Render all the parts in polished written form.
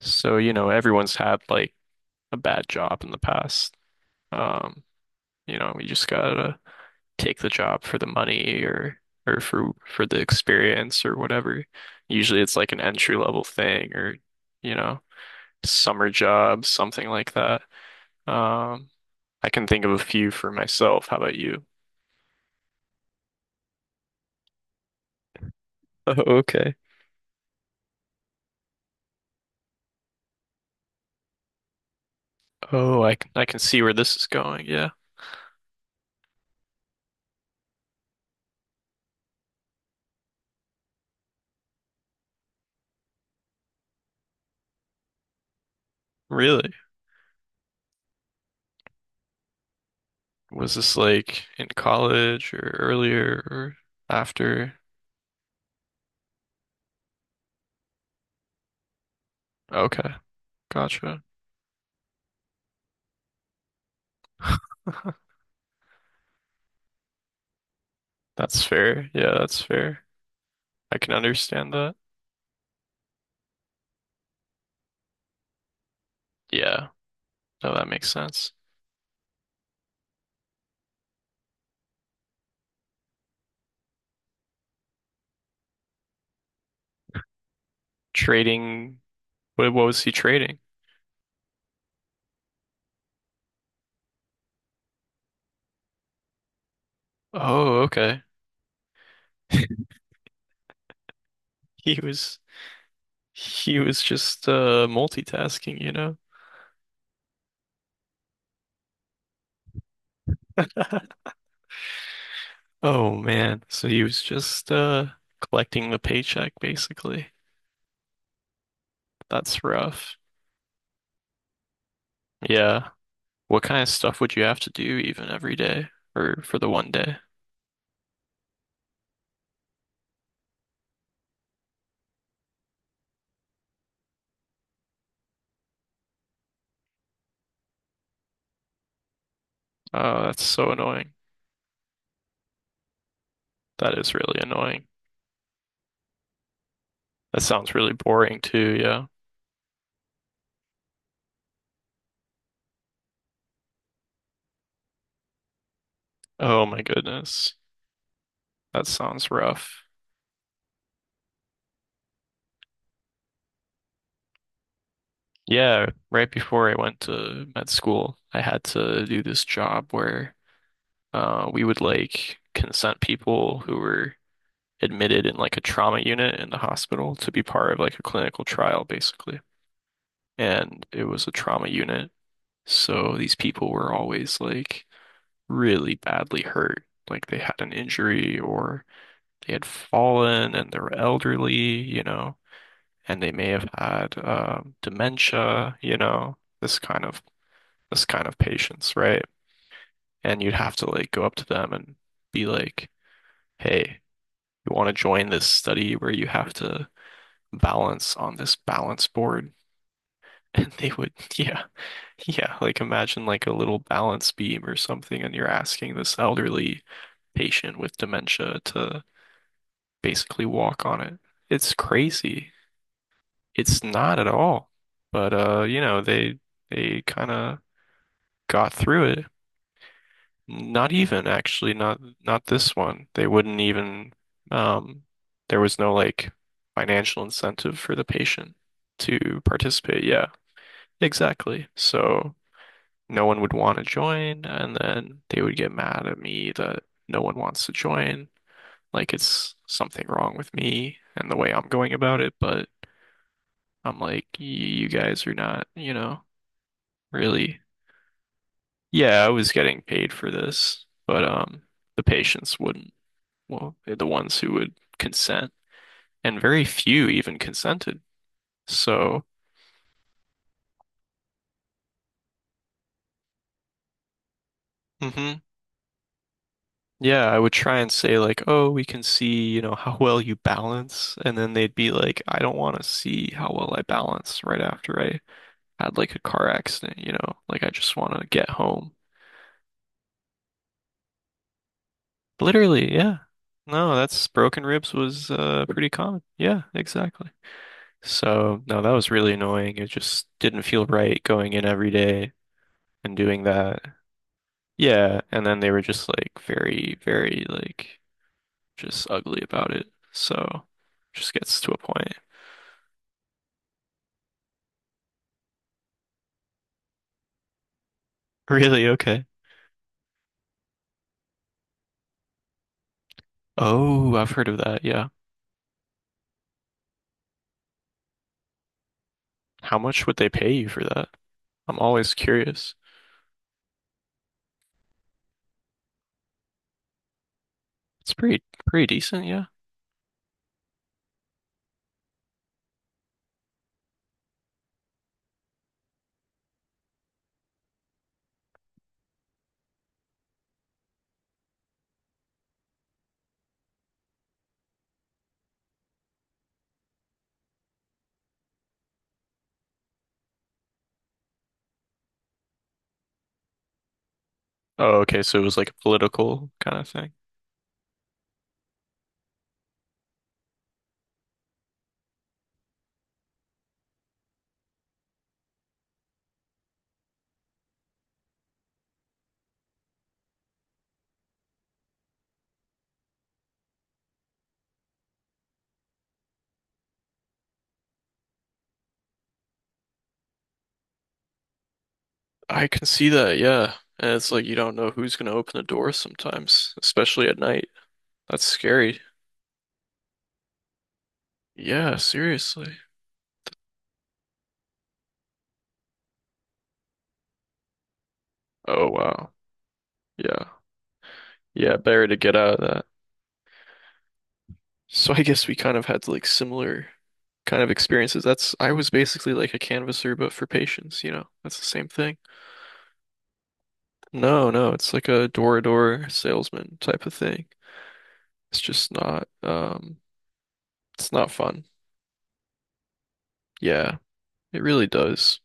So, everyone's had like a bad job in the past. Um, you just gotta take the job for the money or for the experience or whatever. Usually it's like an entry level thing or, you know, summer job, something like that. Um, I can think of a few for myself. How about you? Oh, okay. Oh, I can see where this is going. Yeah. Really? Was this like in college or earlier or after? Okay. Gotcha. That's fair. Yeah, that's fair. I can understand that. Yeah. No, that makes sense. Trading. What was he trading? Oh, okay. He was he was just multitasking, you know? Oh man. So he was just collecting the paycheck basically. That's rough. Yeah. What kind of stuff would you have to do even every day or for the one day? Oh, that's so annoying. That is really annoying. That sounds really boring too, yeah. Oh my goodness. That sounds rough. Yeah, right before I went to med school, I had to do this job where we would like consent people who were admitted in like a trauma unit in the hospital to be part of like a clinical trial, basically. And it was a trauma unit. So these people were always like really badly hurt. Like they had an injury or they had fallen and they were elderly, you know, and they may have had dementia, you know, this kind of patients, right? And you'd have to like go up to them and be like, "Hey, you want to join this study where you have to balance on this balance board?" And they would, yeah, yeah, like imagine like a little balance beam or something, and you're asking this elderly patient with dementia to basically walk on it. It's crazy. It's not at all. But you know, they kind of got through it. Not even actually, not this one. They wouldn't even um there was no like financial incentive for the patient to participate. Yeah, exactly. So no one would want to join and then they would get mad at me that no one wants to join. Like it's something wrong with me and the way I'm going about it, but I'm like, y you guys are not, you know, really. Yeah, I was getting paid for this, but the patients wouldn't. Well, they're the ones who would consent, and very few even consented. So, hmm yeah, I would try and say like, "Oh, we can see, you know, how well you balance," and then they'd be like, "I don't want to see how well I balance right after I had like a car accident, you know, like I just want to get home." Literally, yeah. No, that's broken ribs was pretty common. Yeah, exactly. So, no, that was really annoying. It just didn't feel right going in every day and doing that. Yeah, and then they were just like very, very like just ugly about it. So, just gets to a point. Really? Okay. Oh, I've heard of that. Yeah. How much would they pay you for that? I'm always curious. It's pretty decent, yeah. Oh, okay, so it was like a political kind of thing. I can see that, yeah. And it's like you don't know who's gonna open the door sometimes, especially at night. That's scary. Yeah, seriously. Oh wow. Yeah. Yeah, better to get out of that. So I guess we kind of had like similar kind of experiences. That's I was basically like a canvasser but for patients, you know. That's the same thing. No, no, it's like a door-to-door salesman type of thing. It's just not it's not fun. Yeah, it really does.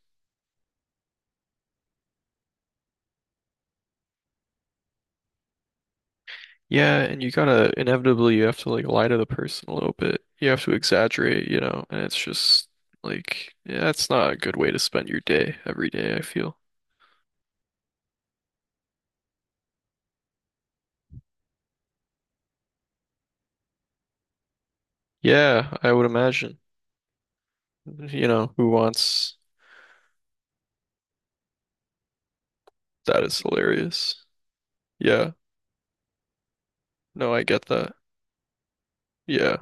Yeah, and you gotta inevitably you have to like lie to the person a little bit. You have to exaggerate, you know, and it's just like yeah, that's not a good way to spend your day every day, I feel. Yeah, I would imagine. You know, who wants that is hilarious. Yeah. No, I get that. Yeah.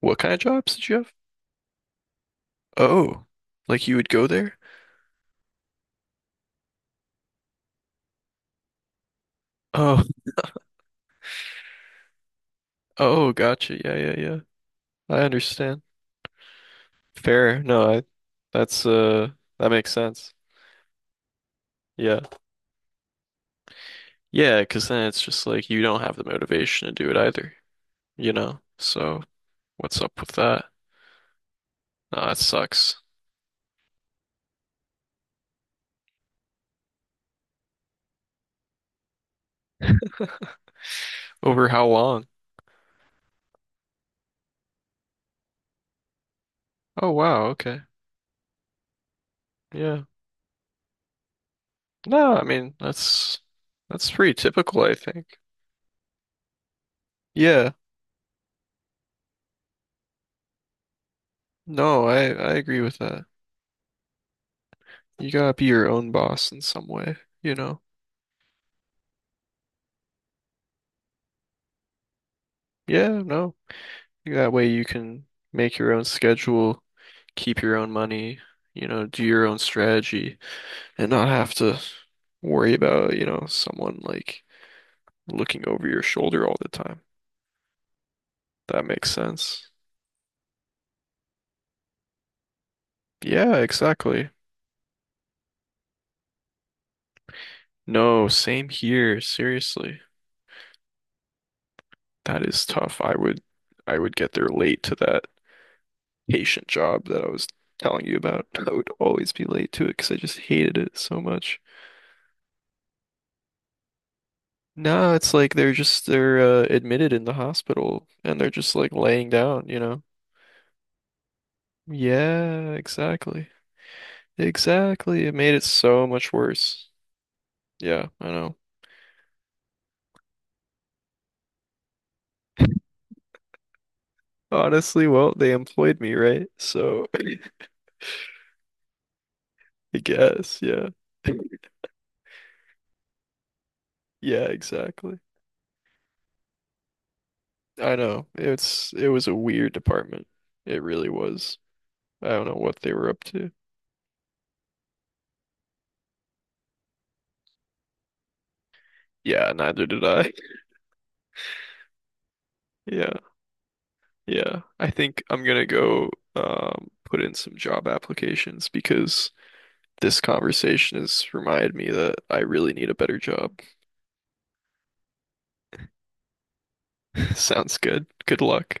What kind of jobs did you have? Oh, like you would go there? Oh, oh, gotcha. Yeah, yeah, yeah. I understand. Fair. No, I that's that makes sense. Yeah. Yeah, because then it's just like you don't have the motivation to do it either, you know? So what's up with that? Nah, that sucks. Over how long? Oh wow, okay. Yeah. No, I mean that's pretty typical, I think. Yeah. No, I agree with that. You gotta be your own boss in some way, you know? Yeah, no. That way you can make your own schedule, keep your own money, you know, do your own strategy and not have to worry about, you know, someone like looking over your shoulder all the time. That makes sense. Yeah, exactly. No, same here. Seriously. That is tough. I would get there late to that patient job that I was telling you about. I would always be late to it because I just hated it so much. Nah, it's like they're admitted in the hospital and they're just like laying down, you know? Yeah, exactly. Exactly. It made it so much worse. Yeah, I know. Honestly, well, they employed me, right? So I guess, yeah. Yeah, exactly. I know. It was a weird department. It really was. I don't know what they were up to. Yeah, neither did I. Yeah, yeah. I think I'm gonna go put in some job applications because this conversation has reminded me that I really need a better job. Sounds good. Good luck.